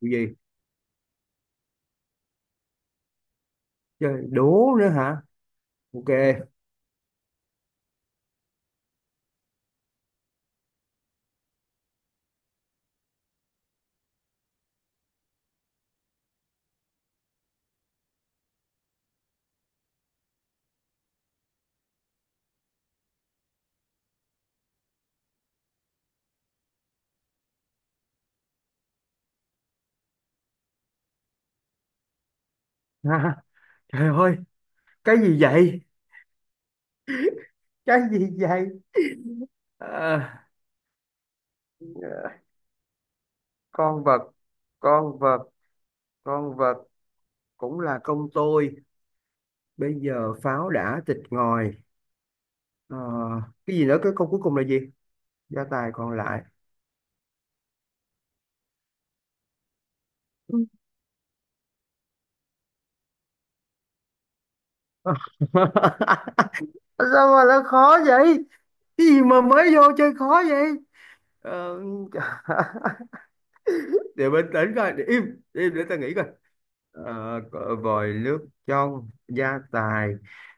Cái gì? Chơi đố nữa hả? Ok. Ha, trời ơi. Cái gì vậy? Cái gì vậy? Ờ, con vật, con vật, con vật cũng là công tôi. Bây giờ pháo đã tịt ngòi. Ờ, cái gì nữa, cái câu cuối cùng là gì? Gia tài còn lại. Ừ. Sao mà nó khó vậy? Cái gì mà mới vô chơi khó vậy? Ờ, để bình tĩnh coi, để im, im để ta nghĩ coi. Ờ, Cỡ vòi nước trong gia tài,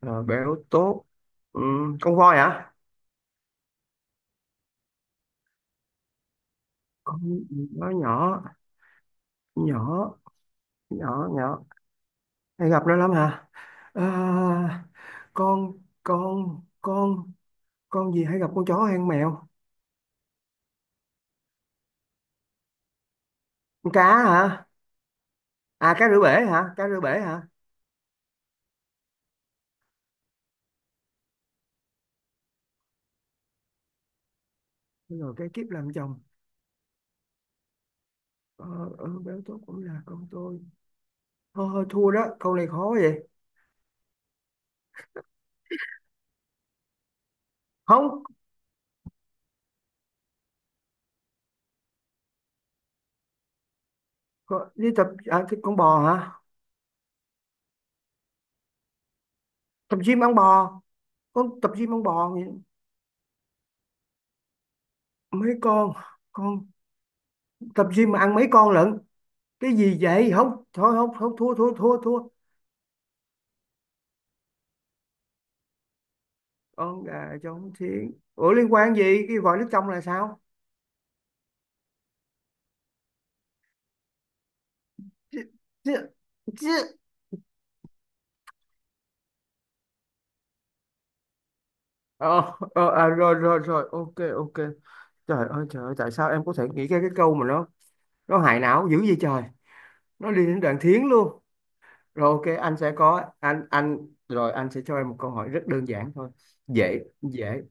béo tốt, ừ, con voi hả? Con nó nhỏ, nhỏ nhỏ nhỏ. Hay gặp nó lắm hả? À, con con con con gì, hay gặp con chó hay con mèo? Con cá hả? À, cá rửa bể hả, cá rửa bể hả? Rồi cái kiếp làm chồng, ờ, béo tốt cũng là con tôi. Thôi thôi, thua đó, câu này khó vậy. Không. Có- đi tập à, cái con bò hả? Tập gym ăn bò. Con tập gym ăn bò thì mấy con tập gym mà ăn mấy con lận? Cái gì vậy, không thôi không, không, thua thua thua thua. Con gà trống thiến, ủa liên quan gì cái vòi nước trong là sao? Chứ- chứ- chứ. Rồi rồi rồi, ok ok. Trời ơi trời ơi, tại sao em có thể nghĩ ra cái câu mà nó hại não dữ vậy trời? Nó đi đến đoạn thiến luôn. Rồi ok, anh anh rồi anh sẽ cho em một câu hỏi rất đơn giản thôi. Dễ dễ.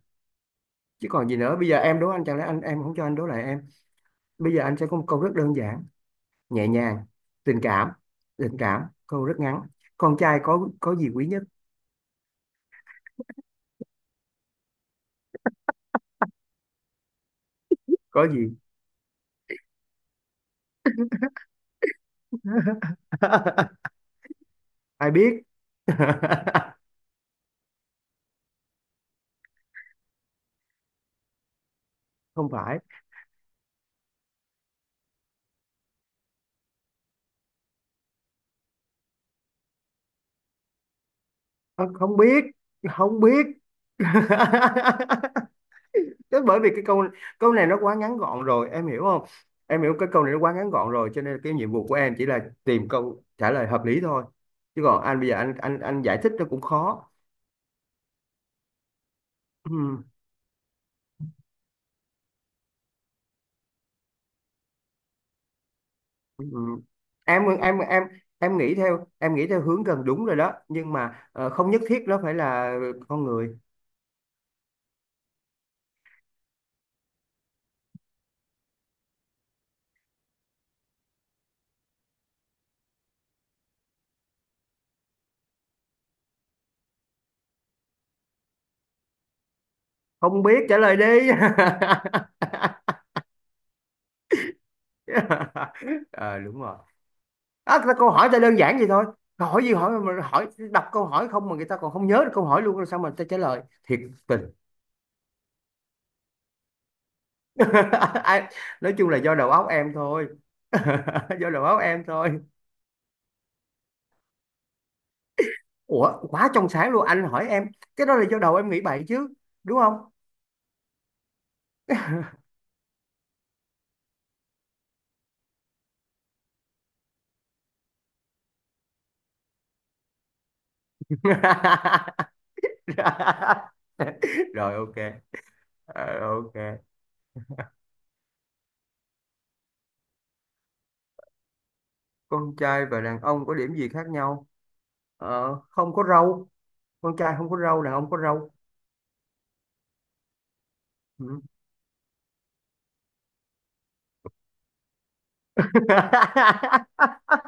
Chứ còn gì nữa, bây giờ em đố anh, chẳng lẽ anh em không cho anh đố lại em? Bây giờ anh sẽ có một câu rất đơn giản, nhẹ nhàng, tình cảm, tình cảm, câu rất ngắn. Con trai có gì quý nhất? Có gì? Ai biết. Không phải. Ờ, Không biết, không biết. Thế bởi vì cái câu câu này nó quá ngắn gọn rồi, em hiểu không? Em hiểu cái câu này nó quá ngắn gọn rồi, cho nên cái nhiệm vụ của em chỉ là tìm câu trả lời hợp lý thôi, chứ còn anh bây giờ anh giải thích nó cũng khó. Ừ, ừ. Em em nghĩ theo, em nghĩ theo hướng gần đúng rồi đó, nhưng mà không nhất thiết nó phải là con người. Không biết, trả lời đi. Ờ, Đúng rồi. À, câu hỏi ta đơn giản vậy thôi. Câu hỏi gì, hỏi mà hỏi đọc câu hỏi không mà người ta còn không nhớ được câu hỏi luôn, rồi sao mà ta trả lời thiệt tình. Ai- nói chung là do đầu óc em thôi. Do đầu óc em thôi. Ủa, quá trong sáng luôn, anh hỏi em cái đó là do đầu em nghĩ bậy chứ, đúng không? Rồi ok. Ok. Con trai và đàn ông có điểm gì khác nhau? Không có râu, con trai không có râu, đàn ông có râu. Ừ.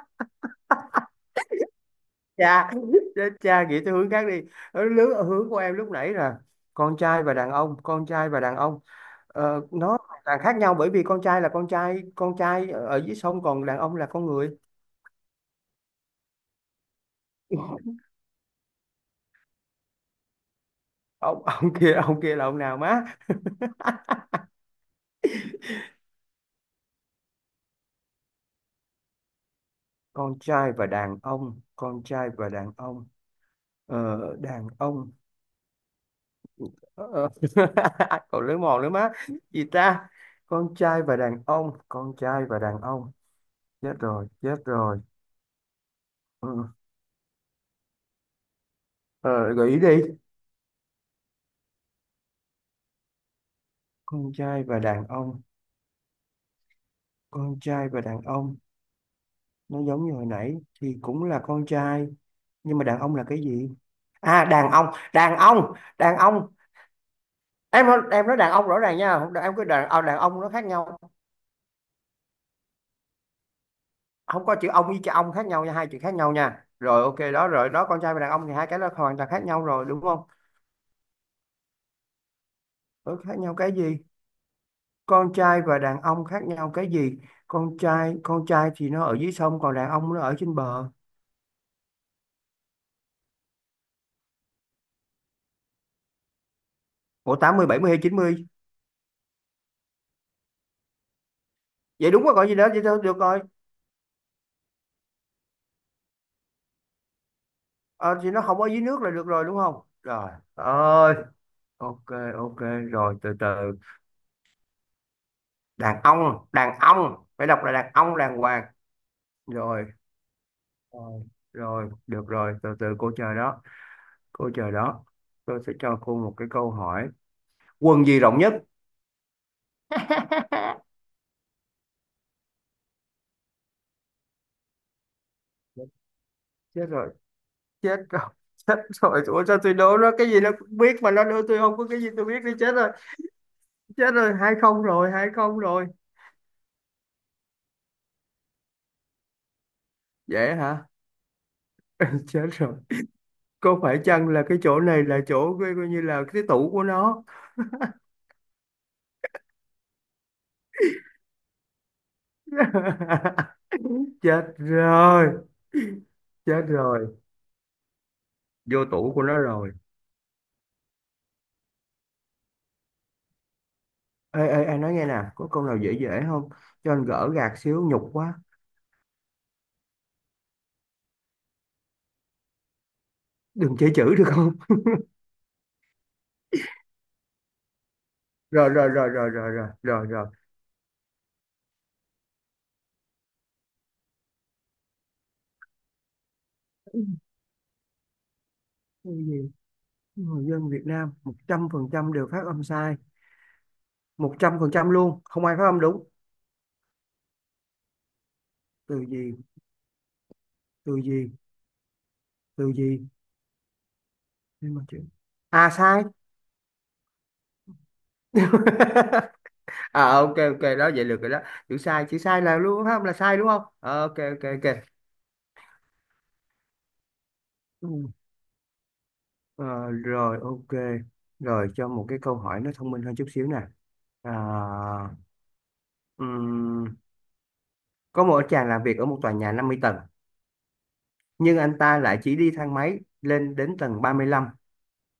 Cha, chết cha, nghĩ theo hướng khác đi, ở hướng, ở hướng của em lúc nãy là con trai và đàn ông, con trai và đàn ông. Nó hoàn toàn khác nhau, bởi vì con trai là con trai, con trai ở ở dưới sông, còn đàn ông là con người. Ông, ông kia, ông kia là ông nào má? Con trai và đàn ông, con trai và đàn ông, ờ, đàn ông, ờ, còn lưỡi mòn nữa má, gì ta? Con trai và đàn ông, con trai và đàn ông. Chết rồi, chết rồi. Ừ. ờ, gợi ý đi. Con trai và đàn ông, con trai và đàn ông. Nó giống như hồi nãy. Thì cũng là con trai, nhưng mà đàn ông là cái gì? À, đàn ông, đàn ông, đàn ông. Em nói, em nói đàn ông rõ ràng nha, không em cứ đàn ông nó khác nhau. Không, có chữ ông với chữ ông khác nhau nha, hai chữ khác nhau nha. Rồi ok đó, rồi đó, con trai và đàn ông thì hai cái nó hoàn toàn khác nhau rồi, đúng không? Đó, khác nhau cái gì? Con trai và đàn ông khác nhau cái gì? Con trai, con trai thì nó ở dưới sông, còn đàn ông nó ở trên bờ. Ủa, 80 70 hay 90? Vậy đúng rồi, còn gì nữa, vậy thôi được rồi. Ờ, thì nó không ở dưới nước là được rồi, đúng không? Rồi, ơi, ok, ok, rồi từ từ. Đàn ông, phải đọc là đàn ông, đàng hoàng. Rồi, rồi, rồi, được rồi, từ từ cô chờ đó, cô chờ đó. Tôi sẽ cho cô một cái câu hỏi. Quần gì rộng nhất? Chết rồi, chết rồi. Chết rồi, ủa sao tôi đố nó cái gì nó cũng biết, mà nó đưa tôi không có cái gì tôi biết đi, chết rồi, 2-0 rồi, 2-0 rồi. Dễ hả? Chết rồi. Có phải chăng là cái chỗ này là chỗ coi, coi như là cái tủ của nó? Chết rồi, chết rồi, vô tủ của nó rồi. Ê, ê, anh nói nghe nè, có câu nào dễ dễ không? Cho anh gỡ gạc xíu, nhục quá. Đừng chê chữ được không? Rồi, rồi, rồi, rồi, rồi, rồi, rồi, rồi. Cái gì? Người dân Việt Nam 100% đều phát âm sai. 100% luôn, không ai phát âm đúng. Từ gì, từ gì, từ gì. Nhưng mà chữ... À sai. À ok ok đó, vậy được rồi đó. Chữ sai, chữ sai là luôn không là sai, đúng không? Ờ, ok ok ok. Ừ. Ờ, Rồi ok, rồi cho một cái câu hỏi nó thông minh hơn chút xíu nè. à, ừm, có một chàng làm việc ở một tòa nhà 50 tầng, nhưng anh ta lại chỉ đi thang máy lên đến tầng 35,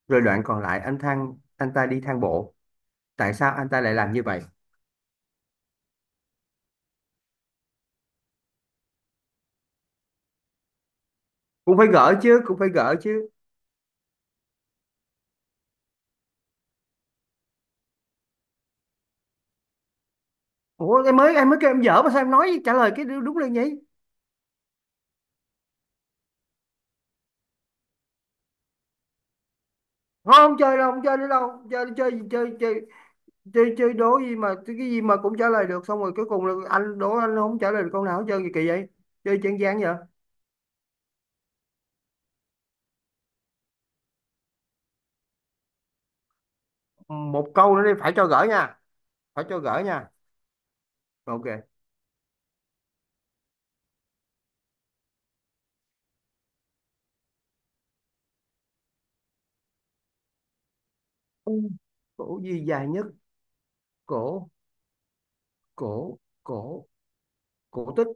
rồi đoạn còn lại anh ta đi thang bộ. Tại sao anh ta lại làm như vậy? Cũng phải gỡ chứ, cũng phải gỡ chứ. Ủa, em mới kêu em dở mà sao em nói trả lời cái đứa đúng lên nhỉ? Thôi không chơi đâu, không chơi nữa đâu, chơi chơi chơi chơi, chơi chơi. Đố gì mà cái gì mà cũng trả lời được, xong rồi cuối cùng là anh đố anh không trả lời được câu nào hết trơn, gì kỳ vậy? Chơi chán chán vậy. Một câu nữa đi, phải cho gỡ nha, phải cho gỡ nha. Ok. Ừ. Cổ gì dài nhất? Cổ, cổ, cổ, cổ tích.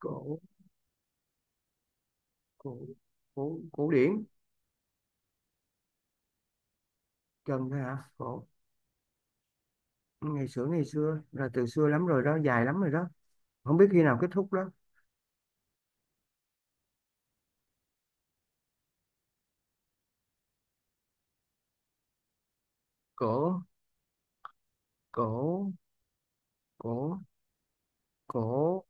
Cổ, cổ, cổ, cổ điển. Cần thôi hả? Cổ. Ngày xưa, ngày xưa là từ xưa lắm rồi đó, dài lắm rồi đó. Không biết khi nào kết thúc đó. Cổ, cổ, cổ, cổ,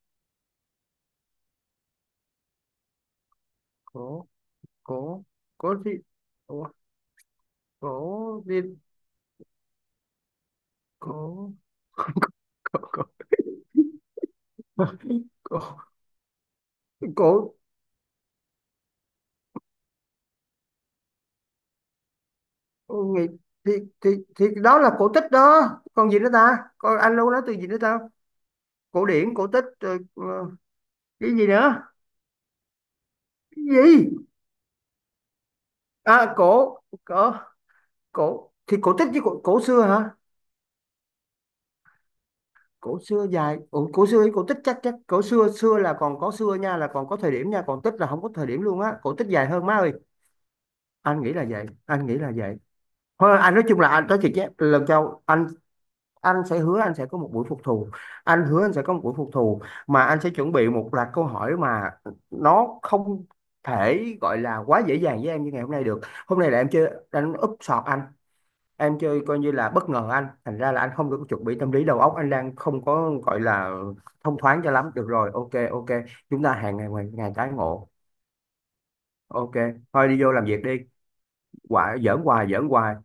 cổ, cổ, cổ thì cổ, cổ, cổ, cổ, cổ, cổ, cổ, cổ nghĩ, thì thì thì đó là cổ tích đó. Còn gì nữa ta, còn anh luôn nói từ gì nữa ta? Cổ điển, cổ tích rồi, cái gì nữa? Cái gì? À, cổ, cổ, cổ thì cổ tích với cổ, cổ xưa hả? Cổ xưa dài, cổ, cổ xưa với cổ tích, chắc chắc cổ xưa, xưa là còn có xưa nha, là còn có thời điểm nha, còn tích là không có thời điểm luôn á, cổ tích dài hơn, má ơi. Anh nghĩ là vậy, anh nghĩ là vậy. Thôi anh nói, chung là anh nói thiệt chứ lần sau anh sẽ hứa, anh sẽ có một buổi phục thù. Anh hứa anh sẽ có một buổi phục thù, mà anh sẽ chuẩn bị một loạt câu hỏi mà nó không thể gọi là quá dễ dàng với em như ngày hôm nay được. Hôm nay là em chơi anh, úp sọt anh, em chơi coi như là bất ngờ anh, thành ra là anh không được chuẩn bị tâm lý, đầu óc anh đang không có gọi là thông thoáng cho lắm. Được rồi, ok ok, chúng ta hẹn ngày ngày tái ngộ. Ok. Thôi đi vô làm việc đi. Quả giỡn hoài, giỡn hoài.